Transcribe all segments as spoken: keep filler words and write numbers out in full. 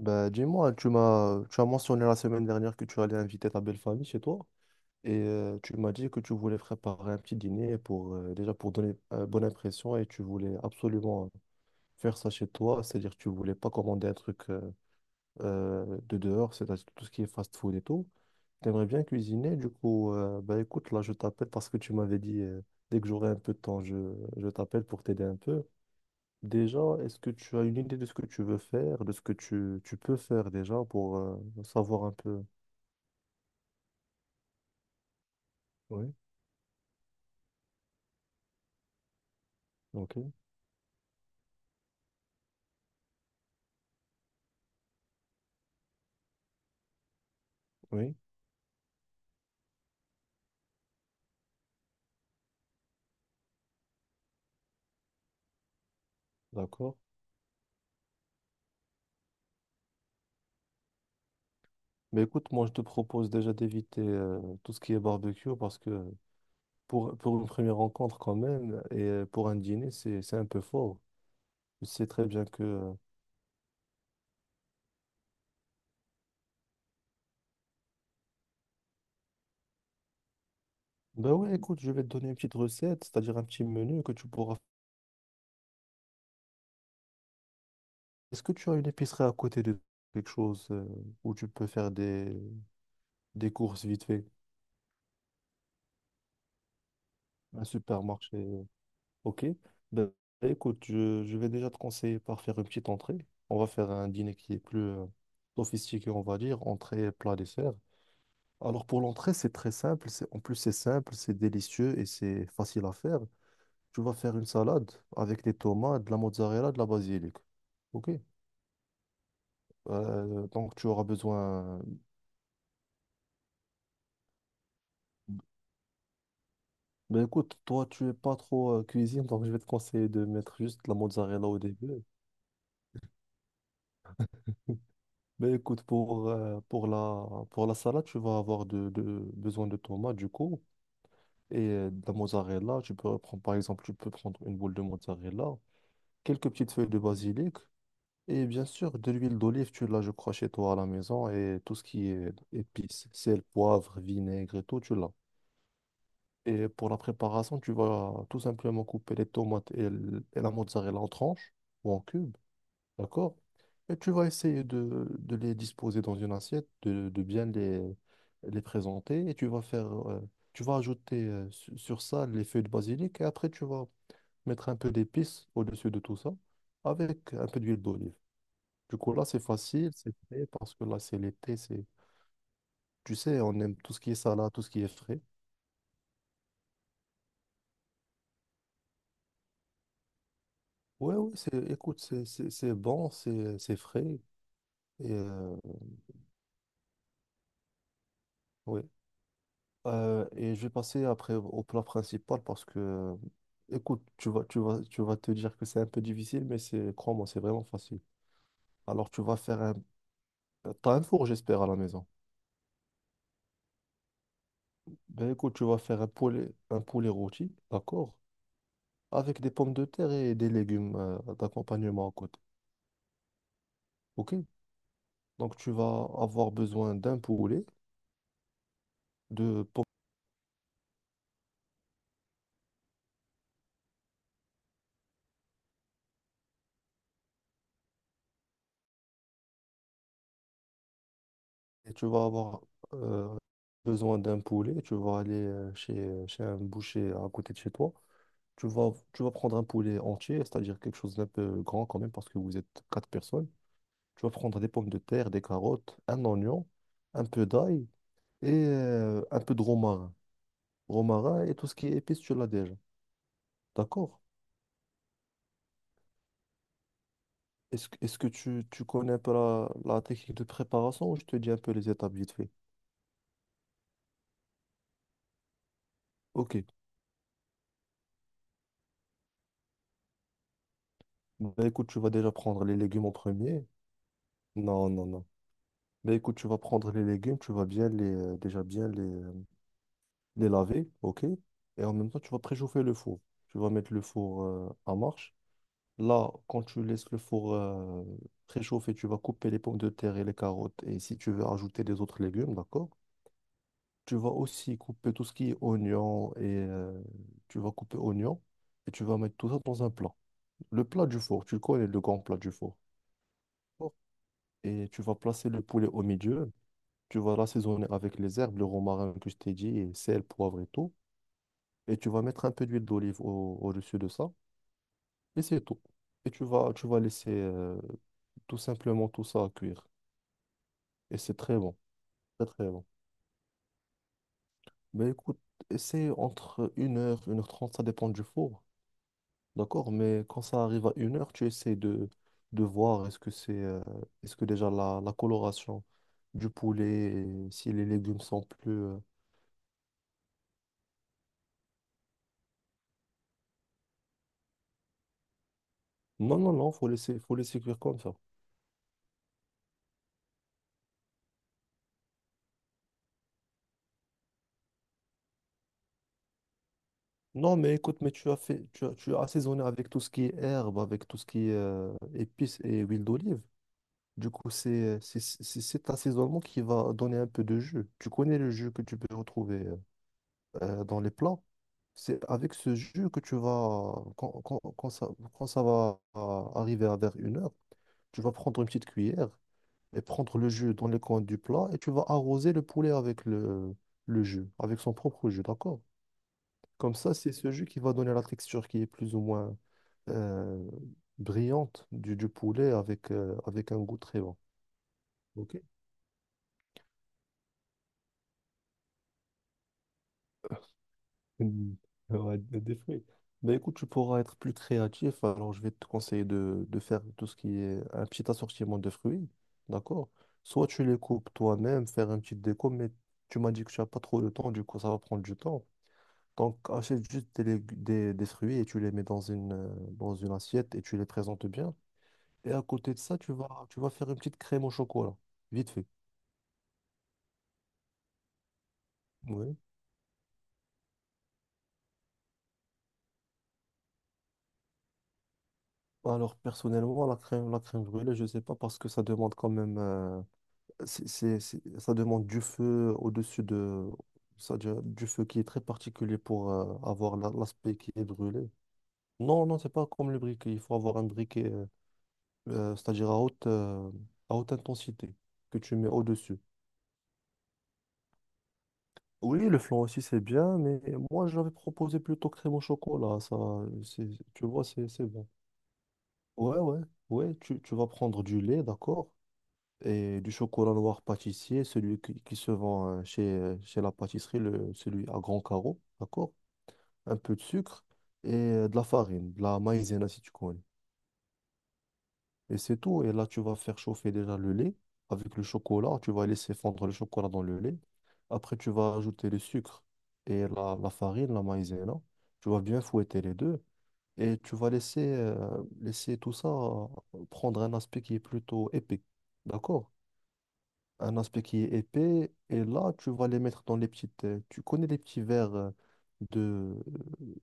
Bah, dis-moi, tu m'as, tu as mentionné la semaine dernière que tu allais inviter ta belle famille chez toi et euh, tu m'as dit que tu voulais préparer un petit dîner pour euh, déjà pour donner une bonne impression et tu voulais absolument faire ça chez toi, c'est-à-dire que tu voulais pas commander un truc euh, euh, de dehors, c'est-à-dire tout ce qui est fast-food et tout. Tu aimerais bien cuisiner, du coup, euh, bah écoute, là je t'appelle parce que tu m'avais dit euh, dès que j'aurai un peu de temps, je, je t'appelle pour t'aider un peu. Déjà, est-ce que tu as une idée de ce que tu veux faire, de ce que tu, tu peux faire déjà pour euh, savoir un peu? Oui, ok, oui, d'accord. Mais écoute, moi je te propose déjà d'éviter euh, tout ce qui est barbecue parce que pour, pour une première rencontre quand même et euh, pour un dîner, c'est, c'est un peu fort. Tu sais très bien que... euh, Ben ouais, écoute, je vais te donner une petite recette, c'est-à-dire un petit menu que tu pourras... Est-ce que tu as une épicerie à côté de quelque chose euh, où tu peux faire des, des courses vite fait? Un supermarché? Ok. Ben, écoute, je, je vais déjà te conseiller par faire une petite entrée. On va faire un dîner qui est plus euh, sophistiqué, on va dire, entrée, plat, dessert. Alors pour l'entrée, c'est très simple. C'est, en plus, c'est simple, c'est délicieux et c'est facile à faire. Tu vas faire une salade avec des tomates, de la mozzarella, de la basilic. Ok. Euh, donc tu auras besoin. Ben écoute, toi, tu es pas trop euh, cuisine, donc je vais te conseiller de mettre juste de la mozzarella au début. Ben écoute, pour, euh, pour la, pour la salade, tu vas avoir de, de- besoin de tomates, du coup, et euh, de la mozzarella. Tu peux prendre, par exemple, tu peux prendre une boule de mozzarella, quelques petites feuilles de basilic, et bien sûr, de l'huile d'olive, tu l'as, je crois, chez toi à la maison, et tout ce qui est épices, sel, poivre, vinaigre et tout, tu l'as. Et pour la préparation, tu vas tout simplement couper les tomates et, l- et la mozzarella en tranches ou en cubes. D'accord? Et tu vas essayer de, de les disposer dans une assiette, de, de bien les, les présenter. Et tu vas faire, euh, tu vas ajouter euh, su- sur ça les feuilles de basilic. Et après, tu vas mettre un peu d'épices au-dessus de tout ça avec un peu d'huile d'olive. Du coup, là, c'est facile, c'est frais parce que là, c'est l'été. C'est Tu sais, on aime tout ce qui est salade, tout ce qui est frais. Ouais, ouais, c'est... écoute, c'est c'est- c'est bon, c'est c'est frais. Et euh, ouais. Euh, et je vais passer après au au plat principal parce que, écoute, tu vas, tu vas, tu vas te dire que c'est un peu difficile, mais c'est, crois-moi, c'est vraiment facile. Alors, tu vas faire un... T'as un four, j'espère, à la maison. Ben écoute, tu vas faire un poulet, un poulet rôti, d'accord? Avec des pommes de terre et des légumes euh, d'accompagnement à côté. OK? Donc, tu vas avoir besoin d'un poulet, de pommes et tu vas avoir euh, besoin d'un poulet. Tu vas aller euh, chez, chez un boucher à côté de chez toi. Tu vas, tu vas prendre un poulet entier, c'est-à-dire quelque chose d'un peu grand quand même, parce que vous êtes quatre personnes. Tu vas prendre des pommes de terre, des carottes, un oignon, un peu d'ail et euh, un peu de romarin. Romarin et tout ce qui est épice, tu l'as déjà. D'accord? Est-ce, que- est-ce que tu, tu connais un peu la, la technique de préparation ou je te dis un peu les étapes vite fait? Ok. Bah, écoute, tu vas déjà prendre les légumes en premier. Non, non, non. Mais écoute, tu vas prendre les légumes, tu vas bien les, euh, déjà bien les, les laver, ok. Et en même temps, tu vas préchauffer le four. Tu vas mettre le four euh, en marche. Là, quand tu laisses le four euh, préchauffer, tu vas couper les pommes de terre et les carottes. Et si tu veux ajouter des autres légumes, d'accord? Tu vas aussi couper tout ce qui est oignon et euh, tu vas couper oignon et tu vas mettre tout ça dans un plat. Le plat du four, tu connais le grand plat du four. Et tu vas placer le poulet au milieu. Tu vas l'assaisonner avec les herbes, le romarin que je t'ai dit, et sel, poivre et tout. Et tu vas mettre un peu d'huile d'olive au- au-dessus de ça, et c'est tout. Et tu vas, tu vas laisser euh, tout simplement tout ça à cuire. Et c'est très bon, très très bon. Mais écoute, essaie entre une heure une heure trente, ça dépend du four, d'accord? Mais quand ça arrive à une heure, tu essaies de, de voir est-ce que c'est, euh, est-ce que déjà la, la coloration du poulet, et si les légumes sont plus... euh, Non, non, non, faut laisser, faut laisser cuire comme ça. Non, mais écoute, mais tu as fait, tu as, tu as assaisonné avec tout ce qui est herbe, avec tout ce qui est euh, épices et huile d'olive. Du coup, c'est c'est c'est cet assaisonnement qui va donner un peu de jus. Tu connais le jus que tu peux retrouver euh, dans les plats. C'est avec ce jus que tu vas, quand, quand, quand ça, quand ça va euh, arriver à vers une heure, tu vas prendre une petite cuillère et prendre le jus dans les coins du plat et tu vas arroser le poulet avec le, le jus, avec son propre jus, d'accord? Comme ça, c'est ce jus qui va donner la texture qui est plus ou moins euh, brillante du, du poulet avec, euh, avec un goût très bon. OK. Mm. Ouais, des des fruits. Ben écoute, tu pourras être plus créatif. Alors, je vais te conseiller de, de faire tout ce qui est un petit assortiment de fruits. D'accord? Soit tu les coupes toi-même, faire une petite déco, mais tu m'as dit que tu n'as pas trop de temps, du coup, ça va prendre du temps. Donc, achète juste des, lég- des, des fruits et tu les mets dans une, euh, dans une assiette et tu les présentes bien. Et à côté de ça, tu vas, tu vas faire une petite crème au chocolat, vite fait. Oui. Alors, personnellement, la crème, la crème brûlée, je ne sais pas parce que ça demande quand même, euh, c'est, c'est- c'est- ça demande du feu au-dessus de, ça, du du feu qui est très particulier pour euh, avoir la- l'aspect qui est brûlé. Non, non, c'est pas comme le briquet. Il faut avoir un briquet, euh, euh, c'est-à-dire à haute, euh, à haute intensité que tu mets au-dessus. Oui, le flan aussi c'est bien, mais moi j'avais proposé plutôt crème au chocolat. Ça, c'est- tu vois, c'est c'est bon. Ouais, ouais, ouais, tu, tu vas prendre du lait, d'accord, et du chocolat noir pâtissier, celui qui, qui se vend euh, chez, euh, chez la pâtisserie, le, celui à grand carreau, d'accord, un peu de sucre et euh, de la farine, de la maïzena si tu connais. Et c'est tout, et là tu vas faire chauffer déjà le lait avec le chocolat, tu vas laisser fondre le chocolat dans le lait. Après tu vas ajouter le sucre et la, la farine, la maïzena, tu vas bien fouetter les deux. Et tu vas laisser, euh, laisser tout ça euh, prendre un aspect qui est plutôt épais. D'accord? Un aspect qui est épais. Et là, tu vas les mettre dans les petites. Euh, Tu connais les petits verres euh, de,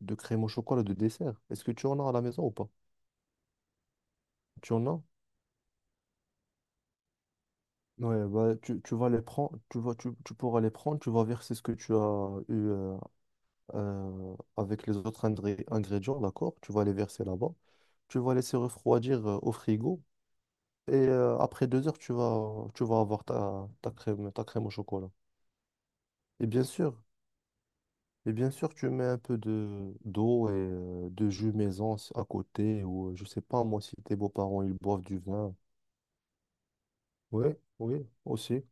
de crème au chocolat de dessert. Est-ce que tu en as à la maison ou pas? Tu en as? Ouais, bah, tu, tu vas les prendre, tu vas, tu, tu pourras les prendre, tu vas verser ce que tu as eu euh, euh, avec les autres ingré- ingrédients, d'accord? Tu vas les verser là-bas. Tu vas laisser refroidir euh, au frigo. Et euh, après deux heures, tu vas, tu vas avoir ta, ta crème, ta crème au chocolat. Et bien sûr, et bien sûr, tu mets un peu de d'eau et euh, de jus maison si- à côté. Ou euh, je sais pas, moi, si tes beaux-parents, ils boivent du vin. Oui, oui, aussi.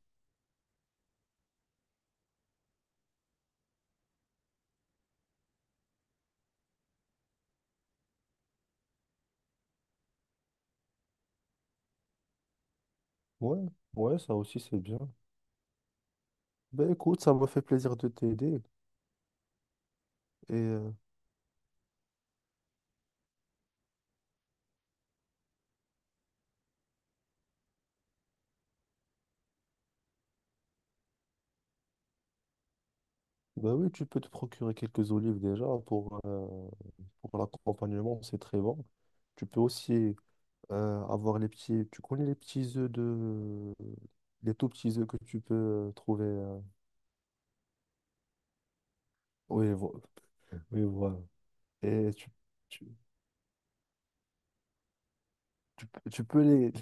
Ouais, ouais, ça aussi, c'est bien. Ben écoute, ça m'a fait plaisir de t'aider. Et euh, ben oui, tu peux te procurer quelques olives déjà pour, euh, pour l'accompagnement, c'est très bon. Tu peux aussi euh, avoir les petits. Tu connais les petits œufs de. Les tout petits œufs que tu peux euh, trouver. euh, Oui, vo- oui, voilà. Et tu, tu, tu peux tu peux les.